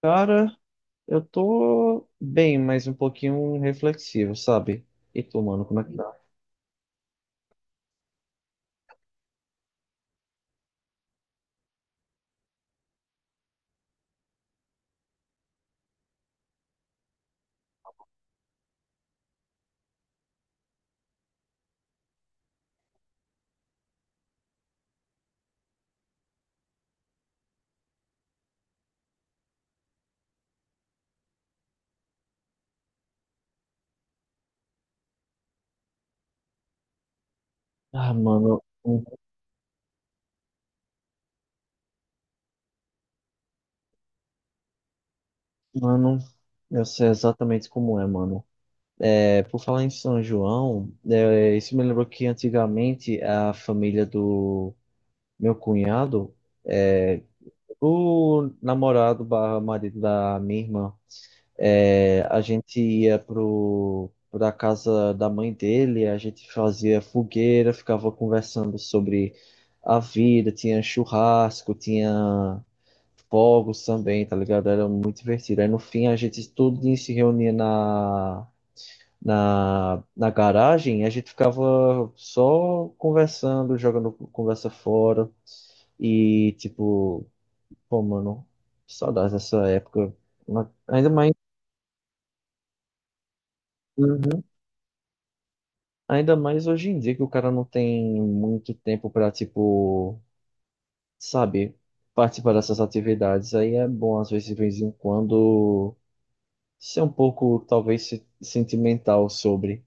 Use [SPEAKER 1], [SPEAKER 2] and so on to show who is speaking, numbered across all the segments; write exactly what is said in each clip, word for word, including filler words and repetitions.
[SPEAKER 1] Cara, eu tô bem, mas um pouquinho reflexivo, sabe? E tu, mano, como é que tá? Ah, mano, um- mano, eu sei exatamente como é, mano. É, por falar em São João, é, isso me lembrou que antigamente a família do meu cunhado, é, o namorado barra marido da minha irmã, É, a gente ia pro, pra casa da mãe dele, a gente fazia fogueira, ficava conversando sobre a vida, tinha churrasco, tinha fogos também, tá ligado? Era muito divertido. Aí no fim a gente todo dia se reunia na, na, na garagem e a gente ficava só conversando, jogando conversa fora e tipo, pô, mano, saudades dessa época. Mas ainda mais. Uhum. Ainda mais hoje em dia que o cara não tem muito tempo para, tipo, sabe, participar dessas atividades. Aí é bom, às vezes, de vez em quando, ser um pouco, talvez, se- sentimental sobre.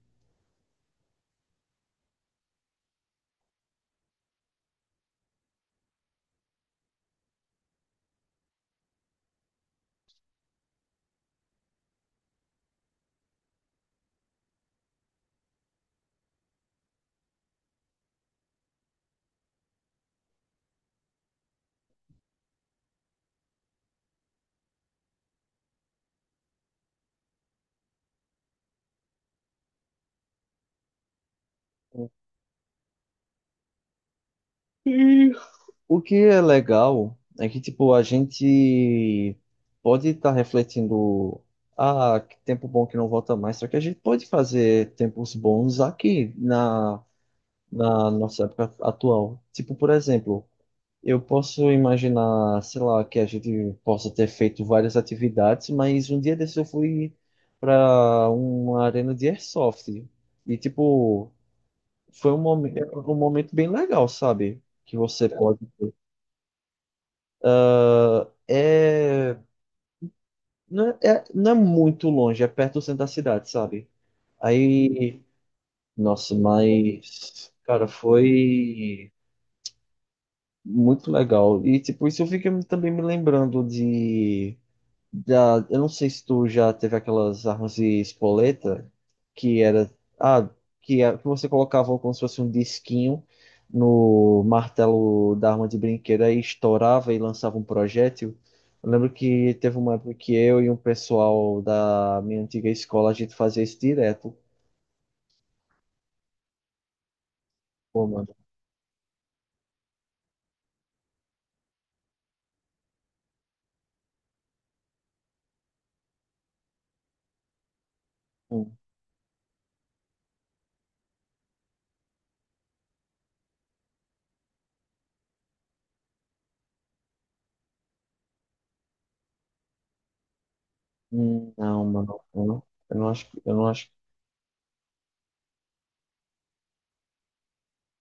[SPEAKER 1] O que é legal é que, tipo, a gente pode estar refletindo, ah, que tempo bom que não volta mais, só que a gente pode fazer tempos bons aqui na, na nossa época atual. Tipo, por exemplo. Eu posso imaginar, sei lá, que a gente possa ter feito várias atividades, mas um dia desse eu fui para uma arena de airsoft. E, tipo, foi um momento, um momento bem legal, sabe? Que você pode. É... Não é, é- não é muito longe, é perto do centro da cidade, sabe? Aí, nossa, mas, cara, foi muito legal. E, tipo, isso eu fiquei também me lembrando de. Da, eu não sei se tu já teve aquelas armas de espoleta que era, ah, que, é- que você colocava como se fosse um disquinho no martelo da arma de brinquedo e estourava e lançava um projétil. Eu lembro que teve uma época que eu e um pessoal da minha antiga escola a gente fazia isso direto. Pô, mano. Hum. Hum. Não, mano. Eu não, eu não acho, eu não acho.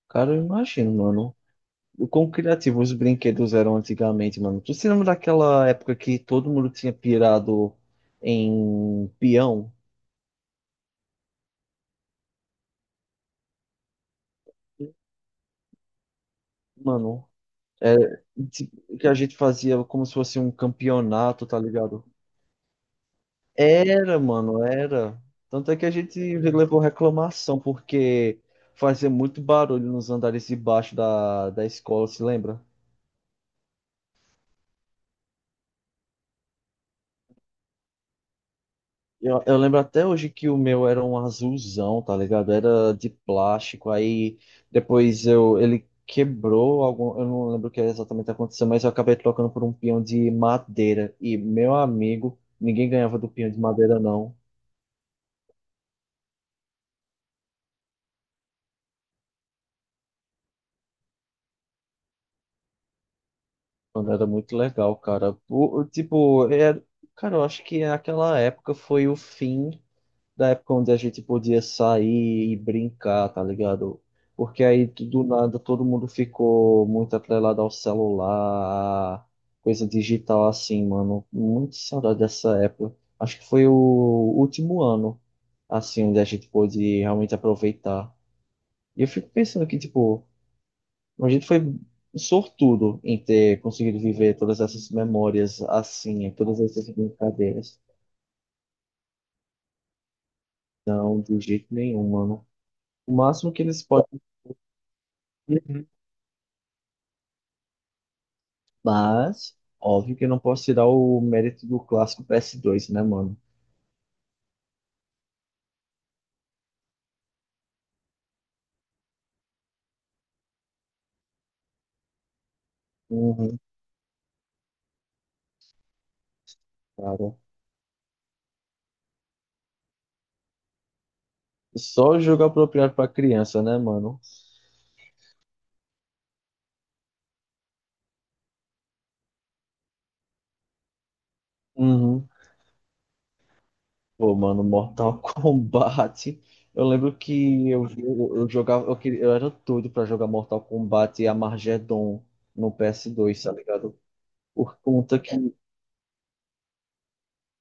[SPEAKER 1] Cara, eu imagino, mano, o quão criativos os brinquedos eram antigamente, mano. Tu se lembra daquela época que todo mundo tinha pirado em peão? Mano, é, ti- que a gente fazia como se fosse um campeonato, tá ligado? Era, mano, era. Tanto é que a gente levou reclamação, porque fazia muito barulho nos andares de baixo da, da escola, se lembra? Eu, eu lembro até hoje que o meu era um azulzão, tá ligado? Era de plástico, aí depois eu, ele quebrou algum, eu não lembro o que exatamente aconteceu, mas eu acabei trocando por um peão de madeira. E, meu amigo, ninguém ganhava do peão de madeira, não. Mano, era muito legal, cara. O, o- tipo, é, cara, eu acho que aquela época foi o fim da época onde a gente podia sair e brincar, tá ligado? Porque aí tu- do nada todo mundo ficou muito atrelado ao celular, à coisa digital assim, mano. Muito saudade dessa época. Acho que foi o último ano, assim, onde a gente pôde realmente aproveitar. E eu fico pensando que, tipo, a gente foi sortudo em ter conseguido viver todas essas memórias assim, todas essas brincadeiras. Não, de jeito nenhum, mano. O máximo que eles podem. Mas, óbvio que eu não posso tirar o mérito do clássico P S dois, né, mano? Uhum, cara. Só jogo apropriado pra criança, né, mano? Uhum. Pô, mano, Mortal Kombat. Eu lembro que eu, eu, eu jogava, eu, queria, eu era doido pra jogar Mortal Kombat e Armageddon no P S dois, tá ligado? Por conta que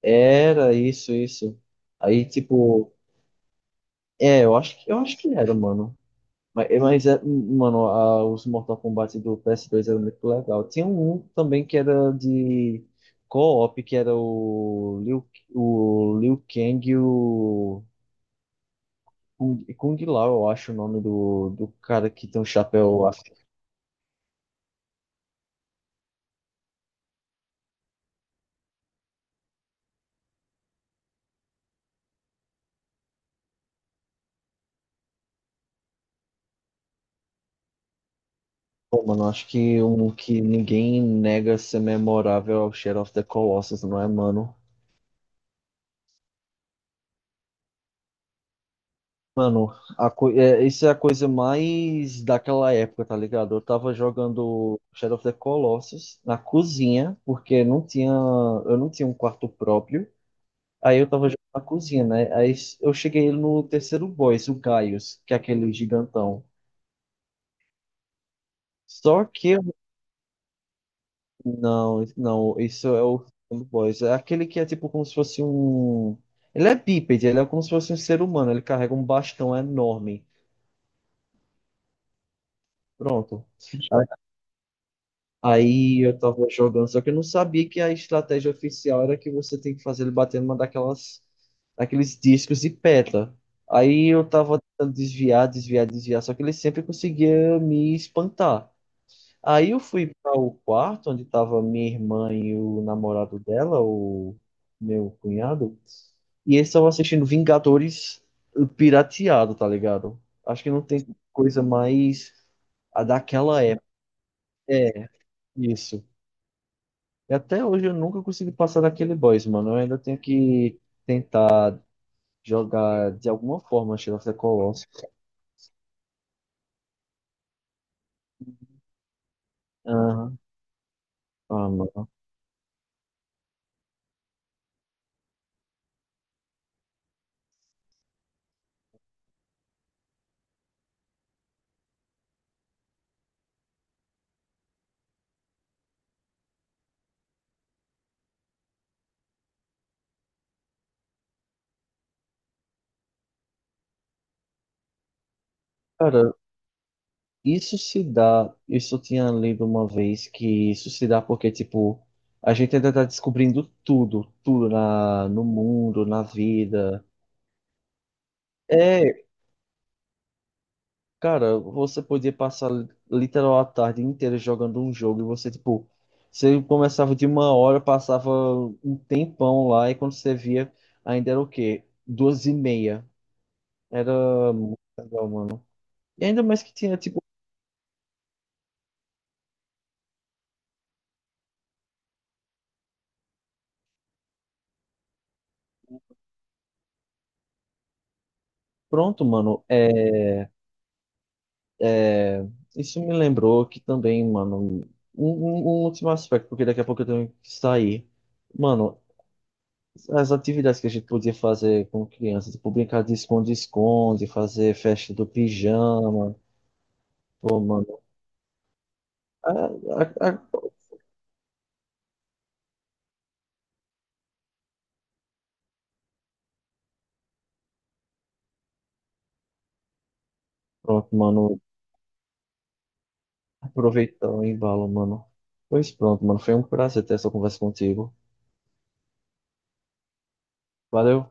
[SPEAKER 1] era isso, isso. Aí, tipo, é, eu acho que, eu acho que era, mano. Mas, eh, mas é, mano, a- os Mortal Kombat do P S dois eram muito legal. Tinha um também que era de co-op, que era o Liu, o Liu Kang e o Kung, Kung Lao, eu acho o nome do, do cara que tem um chapéu assim. Pô, mano, acho que um que ninguém nega ser memorável é o Shadow of the Colossus, não é, mano? Mano, a co... é, isso é a coisa mais daquela época, tá ligado? Eu tava jogando Shadow of the Colossus na cozinha, porque não tinha... eu não tinha um quarto próprio. Aí eu tava jogando na cozinha, né? Aí s- eu cheguei no terceiro boss, o Gaius, que é aquele gigantão. Só que eu... não, não, isso é o segundo boss. É aquele que é tipo como se fosse um. Ele é bípede, ele é como se fosse um ser humano, ele carrega um bastão enorme. Pronto. Aí eu tava jogando, só que eu não sabia que a estratégia oficial era que você tem que fazer ele bater numa daquelas, daqueles discos de pedra. Aí eu tava tentando desviar, desviar, desviar, só que ele sempre conseguia me espantar. Aí eu fui para o quarto onde tava minha irmã e o namorado dela, o meu cunhado, e eles estavam assistindo Vingadores pirateado, tá ligado? Acho que não tem coisa mais a daquela época. É, isso. E até hoje eu nunca consegui passar daquele boss, mano. Eu ainda tenho que tentar jogar de alguma forma Shadow of the Colossus. Aham. Ah, mano. Cara, isso se dá. Isso eu tinha lido uma vez que isso se dá porque, tipo, a gente ainda tá descobrindo tudo, tudo na, no mundo, na vida. É, cara, você podia passar literal a tarde inteira jogando um jogo e você, tipo, você começava de uma hora, passava um tempão lá e quando você via, ainda era o quê? Duas e meia. Era muito legal, mano. E ainda mais que tinha, tipo, pronto, mano, é, é... isso me lembrou que também, mano, um, um- um último aspecto, porque daqui a pouco eu tenho que sair. Mano, as atividades que a gente podia fazer com criança, tipo brincar de esconde-esconde, fazer festa do pijama. Pô, mano. a- a- a- Pronto, mano. Aproveitar o embalo, mano. Pois pronto, mano. Foi um prazer ter essa conversa contigo. Valeu.